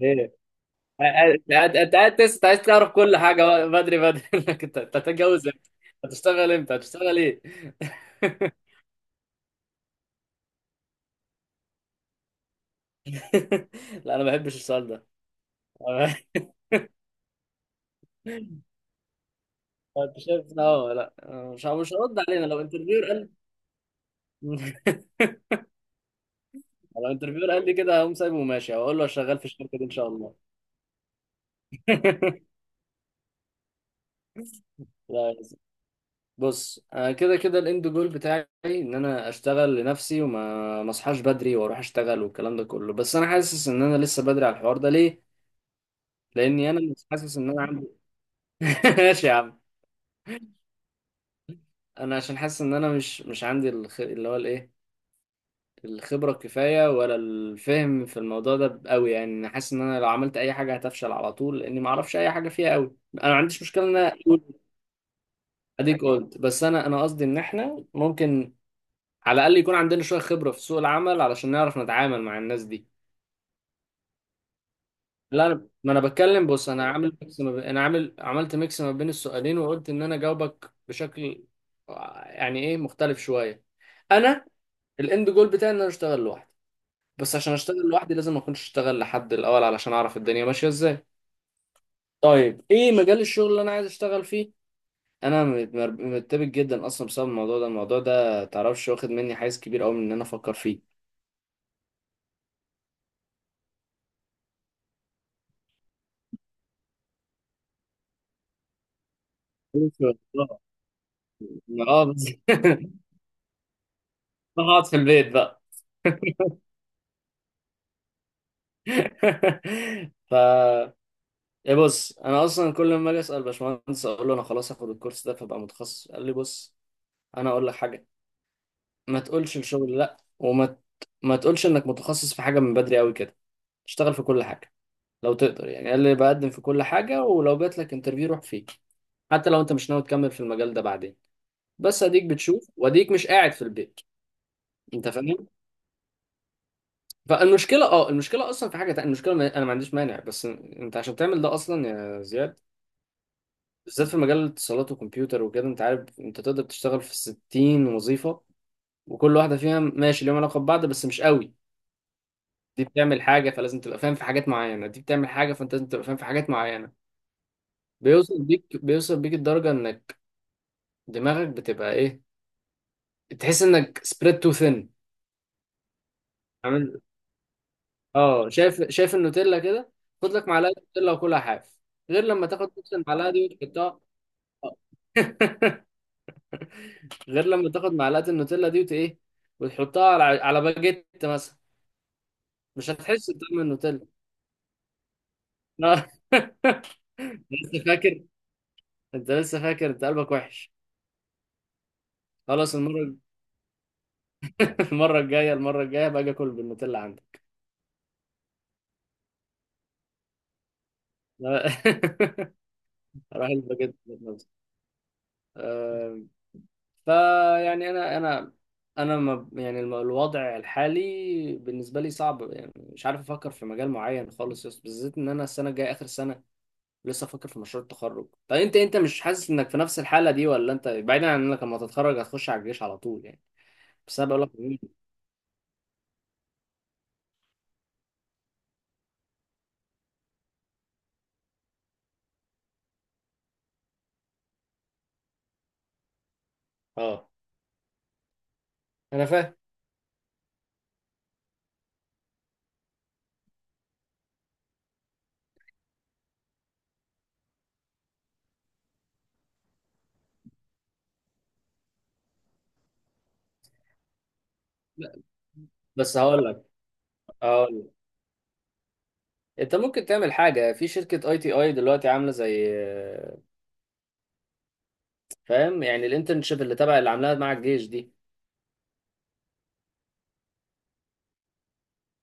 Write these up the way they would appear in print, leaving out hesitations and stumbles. ليه؟ انت قاعد أنت عايز تعرف كل حاجه بقى بدري بدري. انك أنت هتتجوز امتى؟ هتشتغل امتى؟ هتشتغل ايه؟ لا، انا ما بحبش السؤال ده. انت شايف إن هو؟ لا، مش هرد علينا لو انترفيور قال؟ لو انترفيور قال لي كده، هقوم سايبه وماشي، هقول له شغال في الشركه دي ان شاء الله. لا، بص، انا كده كده الاند جول بتاعي ان انا اشتغل لنفسي، وما ما اصحاش بدري واروح اشتغل والكلام ده كله، بس انا حاسس ان انا لسه بدري على الحوار ده، ليه؟ لاني انا مش حاسس ان انا عندي. ماشي يا عم. انا عشان حاسس ان انا مش عندي اللي هو الايه، الخبره الكفايه، ولا الفهم في الموضوع ده قوي. يعني انا حاسس ان انا لو عملت اي حاجه هتفشل على طول، لاني ما اعرفش اي حاجه فيها قوي. انا ما عنديش مشكله ان انا اقول اديك قلت، بس انا قصدي ان احنا ممكن على الاقل يكون عندنا شويه خبره في سوق العمل علشان نعرف نتعامل مع الناس دي. لا، أنا ما انا بتكلم. بص، انا عامل ميكس ما بين انا عملت ميكس ما بين السؤالين، وقلت ان انا جاوبك بشكل يعني ايه، مختلف شويه. انا الاند جول بتاعي ان انا اشتغل لوحدي، بس عشان اشتغل لوحدي لازم ما اكونش اشتغل لحد الاول علشان اعرف الدنيا ماشيه ازاي. طيب، ايه مجال الشغل اللي انا عايز اشتغل فيه؟ انا مرتبك جدا اصلا بسبب الموضوع ده، الموضوع ده تعرفش واخد مني حيز كبير قوي من ان انا افكر فيه. اه بس. بقعد في البيت بقى. ف يا بص، انا اصلا كل ما اجي اسال باشمهندس، اقول له انا خلاص هاخد الكورس ده فبقى متخصص، قال لي بص، انا اقول لك حاجه، ما تقولش الشغل لا، وما ما تقولش انك متخصص في حاجه من بدري قوي كده، اشتغل في كل حاجه لو تقدر. يعني قال لي بقدم في كل حاجه ولو جات لك انترفيو روح فيه، حتى لو انت مش ناوي تكمل في المجال ده بعدين، بس اديك بتشوف واديك مش قاعد في البيت. انت فاهم؟ فالمشكله اه المشكله اصلا في حاجه تانية. المشكله، انا ما عنديش مانع، بس انت عشان تعمل ده اصلا يا زياد، بالذات في مجال الاتصالات وكمبيوتر وكده، انت عارف انت تقدر تشتغل في 60 وظيفة، وكل واحدة فيها ماشي ليهم علاقة ببعض بس مش قوي. دي بتعمل حاجة فلازم تبقى فاهم في حاجات معينة، دي بتعمل حاجة فانت لازم تبقى فاهم في حاجات معينة. بيوصل بيك الدرجة انك دماغك بتبقى ايه، تحس انك spread too thin. عامل، اه، شايف النوتيلا كده؟ خد لك معلقة نوتيلا وكلها حاف، غير لما تاخد نفس المعلقة دي وتحطها. اه. غير لما تاخد معلقة النوتيلا دي وت ايه، وتحطها على على باجيت مثلا، مش هتحس بطعم النوتيلا. آه. لسه فاكر؟ انت لسه فاكر، انت قلبك وحش. خلاص، المرة. المرة الجاية باجي اكل بالنوتيلا عندك. لا. اروح الباجيت ذات نفسه. آه، فيعني انا ما يعني الوضع الحالي بالنسبة لي صعب، يعني مش عارف افكر في مجال معين خالص، بالذات ان انا السنة الجاية اخر سنة، لسه افكر في مشروع التخرج. طب انت، انت مش حاسس انك في نفس الحالة دي، ولا انت بعيدا عن انك لما تتخرج هتخش على الجيش على طول يعني؟ بس انا بقول لك، اه انا فاهم، بس هقول لك انت ممكن تعمل حاجه في شركه اي تي اي دلوقتي، عامله زي فاهم؟ يعني الانترنشيب اللي تبع اللي عاملاها مع الجيش دي،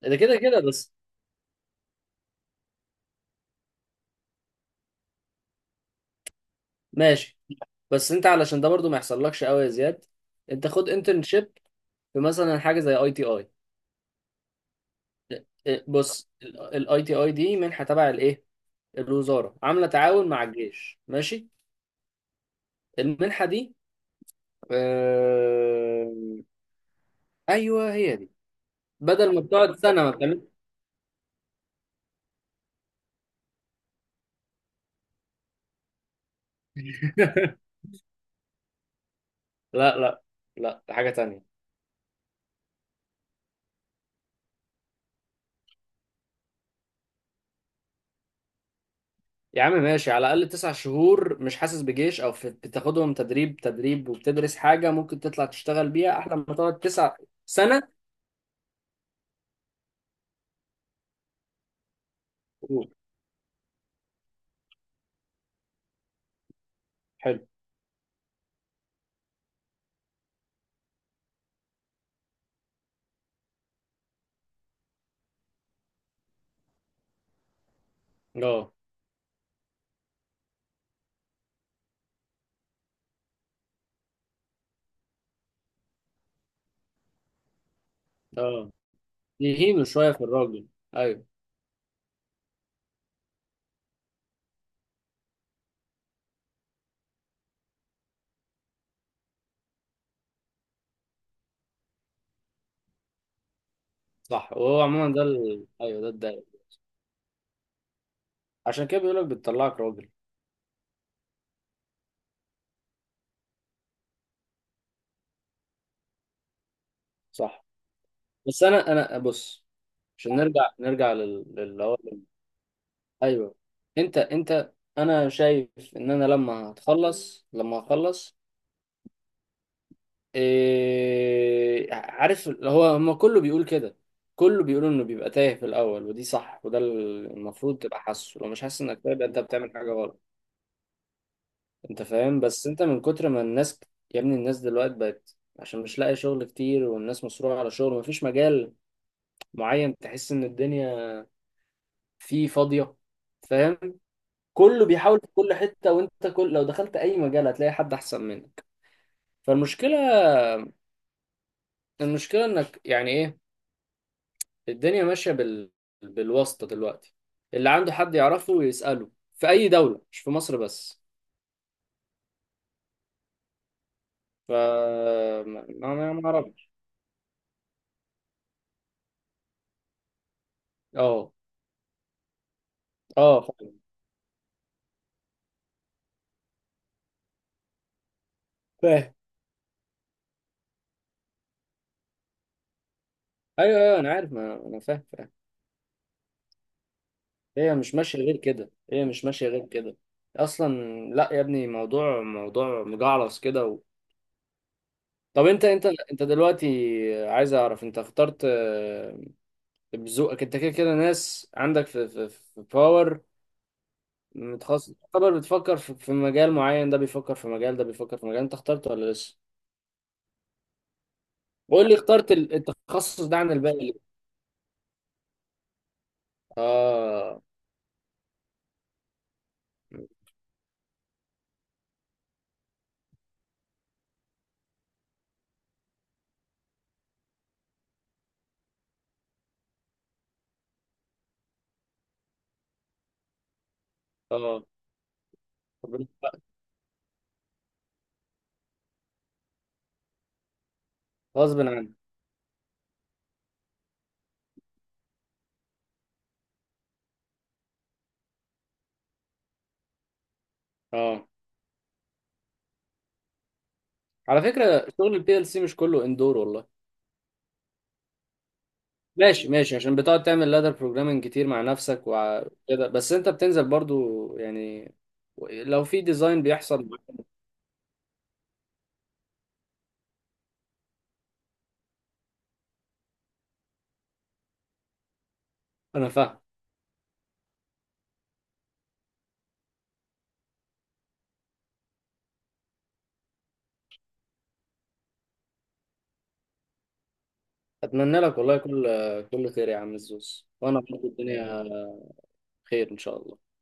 ده كده كده. بس ماشي. بس انت علشان ده برضو ما يحصلكش قوي يا زياد، انت خد انترنشيب في مثلا حاجه زي اي تي اي. بص، الاي تي اي دي منحه تبع الايه، الوزاره عامله تعاون مع الجيش، ماشي؟ المنحه دي، آه... ايوه، هي دي. بدل ما بتقعد سنه ما بتعمل. لا لا، لا، ده حاجة تانية. يا عم ماشي، على الأقل 9 شهور مش حاسس بجيش، أو في بتاخدهم تدريب تدريب وبتدرس حاجة ممكن تطلع تشتغل بيها، أحلى ما تقعد 9 سنة و- حلو. اه اه، يهينوا شوية في الراجل. أيوه، صح. وهو عموما أيوه، ده الدايق، عشان كده بيقولك بتطلعك راجل. صح. بس أنا بص، عشان نرجع أيوه. أنت أنا شايف إن أنا لما هخلص إيه عارف، هو هما كله بيقول كده، كله بيقول انه بيبقى تايه في الاول، ودي صح، وده المفروض تبقى حاسه، لو مش حاسس انك تايه يبقى انت بتعمل حاجه غلط. انت فاهم؟ بس انت من كتر ما الناس، يا ابني الناس دلوقتي بقت، عشان مش لاقي شغل كتير والناس مصروعه على شغل، مفيش مجال معين تحس ان الدنيا فيه فاضيه. فاهم؟ كله بيحاول في كل حته، وانت كل لو دخلت اي مجال هتلاقي حد احسن منك. فالمشكله انك، يعني ايه، الدنيا ماشية بالواسطة دلوقتي، اللي عنده حد يعرفه يسأله، في أي دولة مش في مصر بس. ف ما ما ما أعرفش. أه أه، فاهم فاهم. أيوه أيوه، أنا عارف، ما أنا فاهم فاهم. هي مش ماشية غير كده، هي مش ماشية غير كده أصلا. لا يا ابني، موضوع مجعلص كده طب أنت، أنت دلوقتي عايز أعرف، أنت اخترت، بذوقك أنت كده كده، ناس عندك في في باور، متخصص تعتبر، بتفكر في في مجال معين، ده بيفكر في مجال، ده بيفكر في مجال، انت اخترت ولا لسه؟ قول لي اخترت التخصص ده عن الباقي ليه؟ اه اه. طب انت بقى غصب عنك. اه، على فكره شغل البي ال سي مش كله اندور والله. ماشي ماشي، عشان بتقعد تعمل لادر بروجرامنج كتير مع نفسك وكده، بس انت بتنزل برضو يعني لو في ديزاين بيحصل معاك. انا فاهم. اتمنى لك والله كل خير يا عم الزوز، وانا برضو الدنيا خير ان شاء الله.